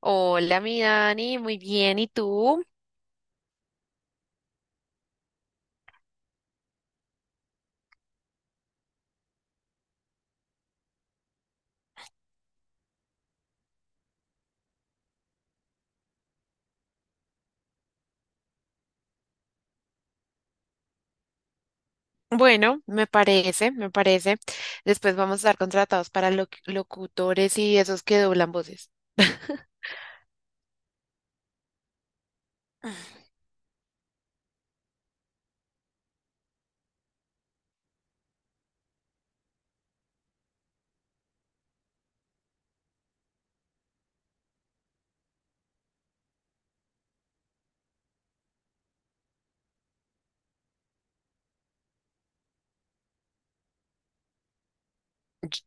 Hola, mi Dani, muy bien. ¿Y tú? Bueno, me parece, me parece. Después vamos a estar contratados para locutores y esos que doblan voces. Ch-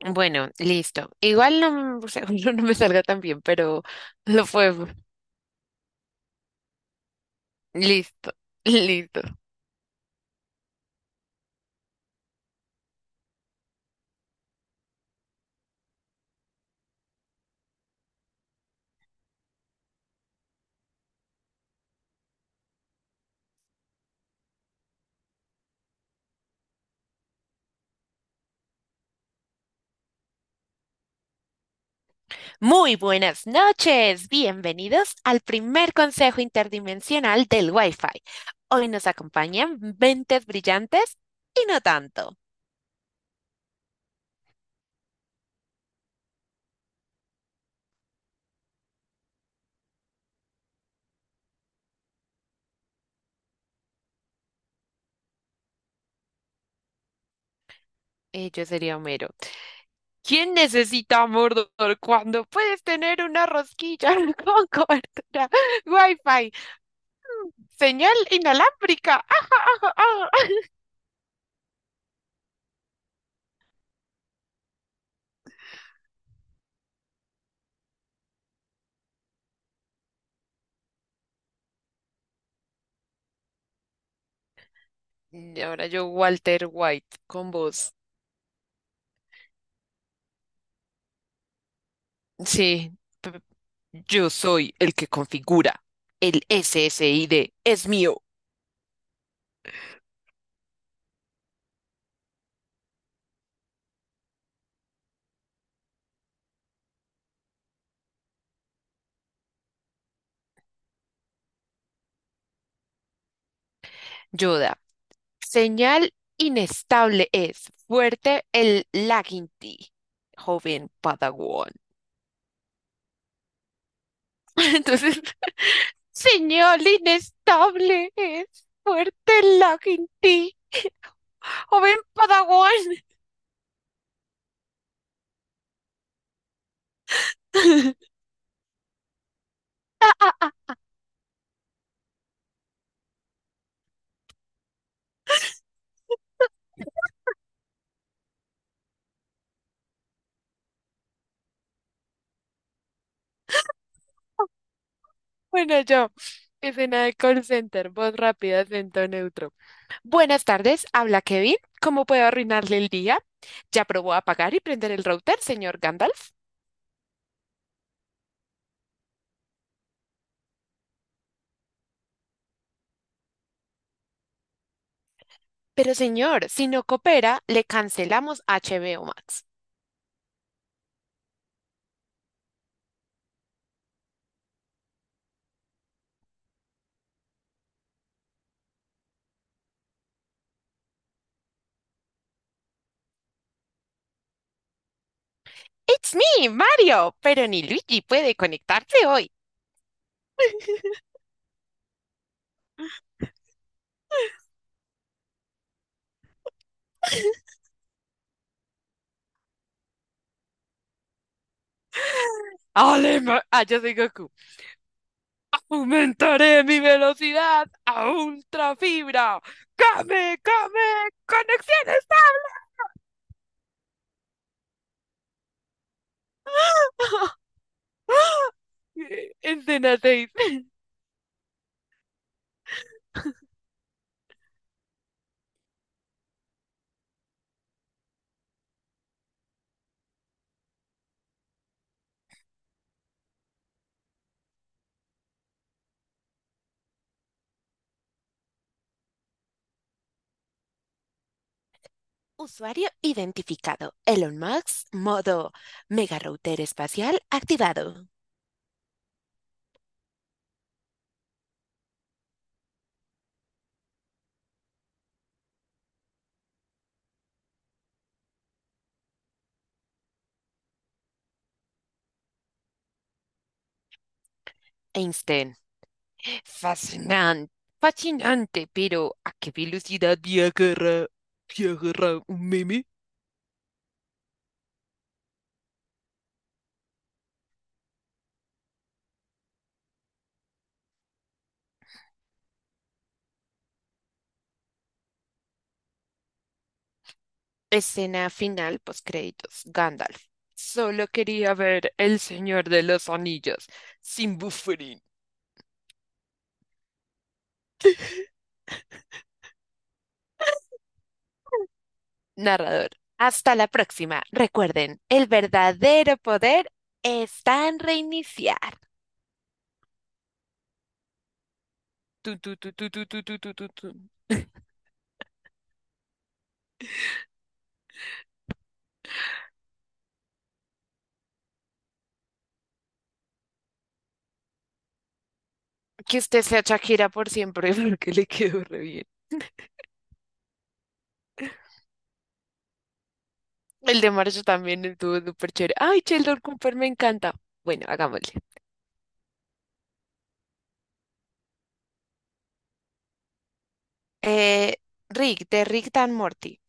Bueno, listo. Igual no, seguro no me salga tan bien, pero lo fue. Listo, listo. Muy buenas noches. Bienvenidos al primer consejo interdimensional del Wi-Fi. Hoy nos acompañan mentes brillantes y no tanto. Yo sería Homero. ¿Quién necesita Mordor cuando puedes tener una rosquilla con cobertura Wi-Fi? Señal inalámbrica. ¡Ah, ah! Y ahora yo, Walter White, con voz. Sí, p- yo soy el que configura. El SSID es mío. Yoda, señal inestable es. Fuerte el lagging, joven Padawan. Entonces, señal inestable, es fuerte el laguinti, joven Padawan. Bueno, yo, escena de call center, voz rápida, acento neutro. Buenas tardes, habla Kevin. ¿Cómo puedo arruinarle el día? Ya probó apagar y prender el router, señor Gandalf. Pero señor, si no coopera, le cancelamos HBO Max. It's me, Mario, pero ni Luigi puede conectarse hoy. Yo soy Goku. Aumentaré mi velocidad a ultrafibra. ¡Came, came! ¡Conexión estable! Escena 6. Usuario identificado. Elon Musk, modo mega router espacial activado. Einstein. Fascinante, fascinante, pero ¿a qué velocidad viajará? ¿Viajará un meme? Escena final, postcréditos, Gandalf. Solo quería ver El Señor de los Anillos, sin buffering. Narrador. Hasta la próxima. Recuerden, el verdadero poder está en reiniciar. Tu, tu, tu, tu, tu, tu, tu, tu, tu, tu. Que usted sea Shakira por siempre, porque le quedó re bien. El de marzo también estuvo súper chévere. Ay, Sheldon Cooper me encanta. Bueno, hagámosle. Eh, Rick, de Rick Dan Morty.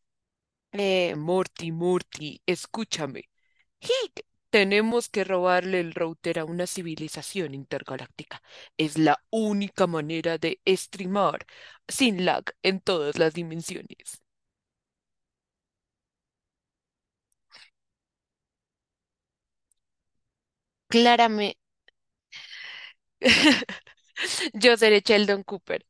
Morty, Morty, escúchame. Hic, tenemos que robarle el router a una civilización intergaláctica. Es la única manera de streamar sin lag en todas las dimensiones. Claramente, yo seré Sheldon Cooper.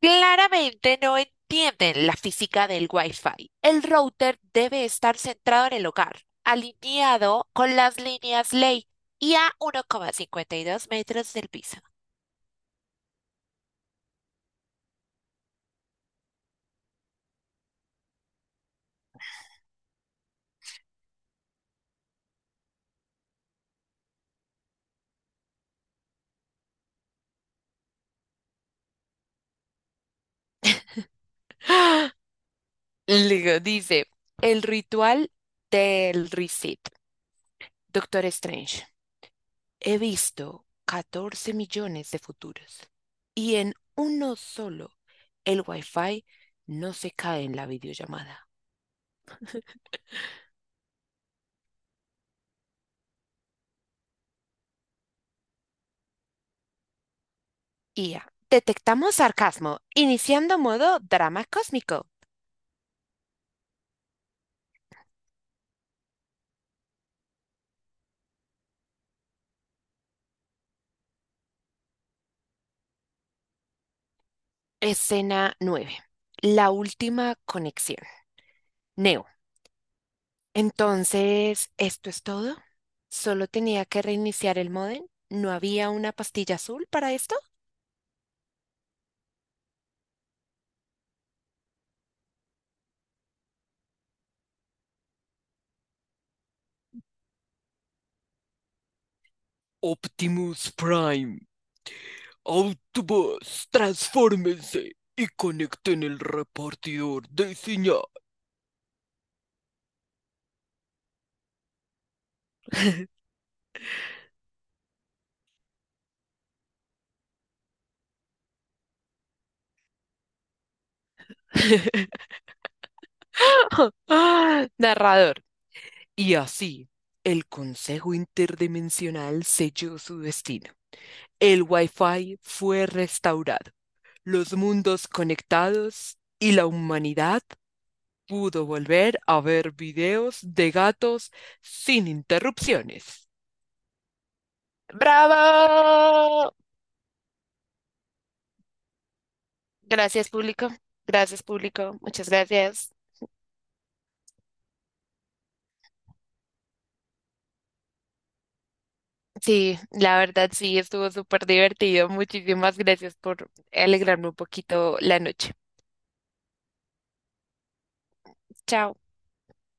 Claramente no entienden la física del Wi-Fi. El router debe estar centrado en el hogar, alineado con las líneas ley y a 1,52 metros del piso. Luego dice, el ritual del reset, Doctor Strange. He visto 14 millones de futuros y en uno solo el Wi-Fi no se cae en la videollamada. IA. Detectamos sarcasmo, iniciando modo drama cósmico. Escena 9. La última conexión. Neo. Entonces, ¿esto es todo? ¿Solo tenía que reiniciar el módem? ¿No había una pastilla azul para esto? Optimus Prime, Autobots, transfórmense, Ixña. Narrador. Y así, el Consejo Interdimensional selló su destino. El Wi-Fi fue restaurado, los mundos conectados y la humanidad pudo volver a ver videos de gatos sin interrupciones. ¡Bravo! Gracias, público. Gracias, público. Muchas gracias. Sí, la verdad sí, estuvo súper divertido. Muchísimas gracias por alegrarme un poquito la noche. Chao.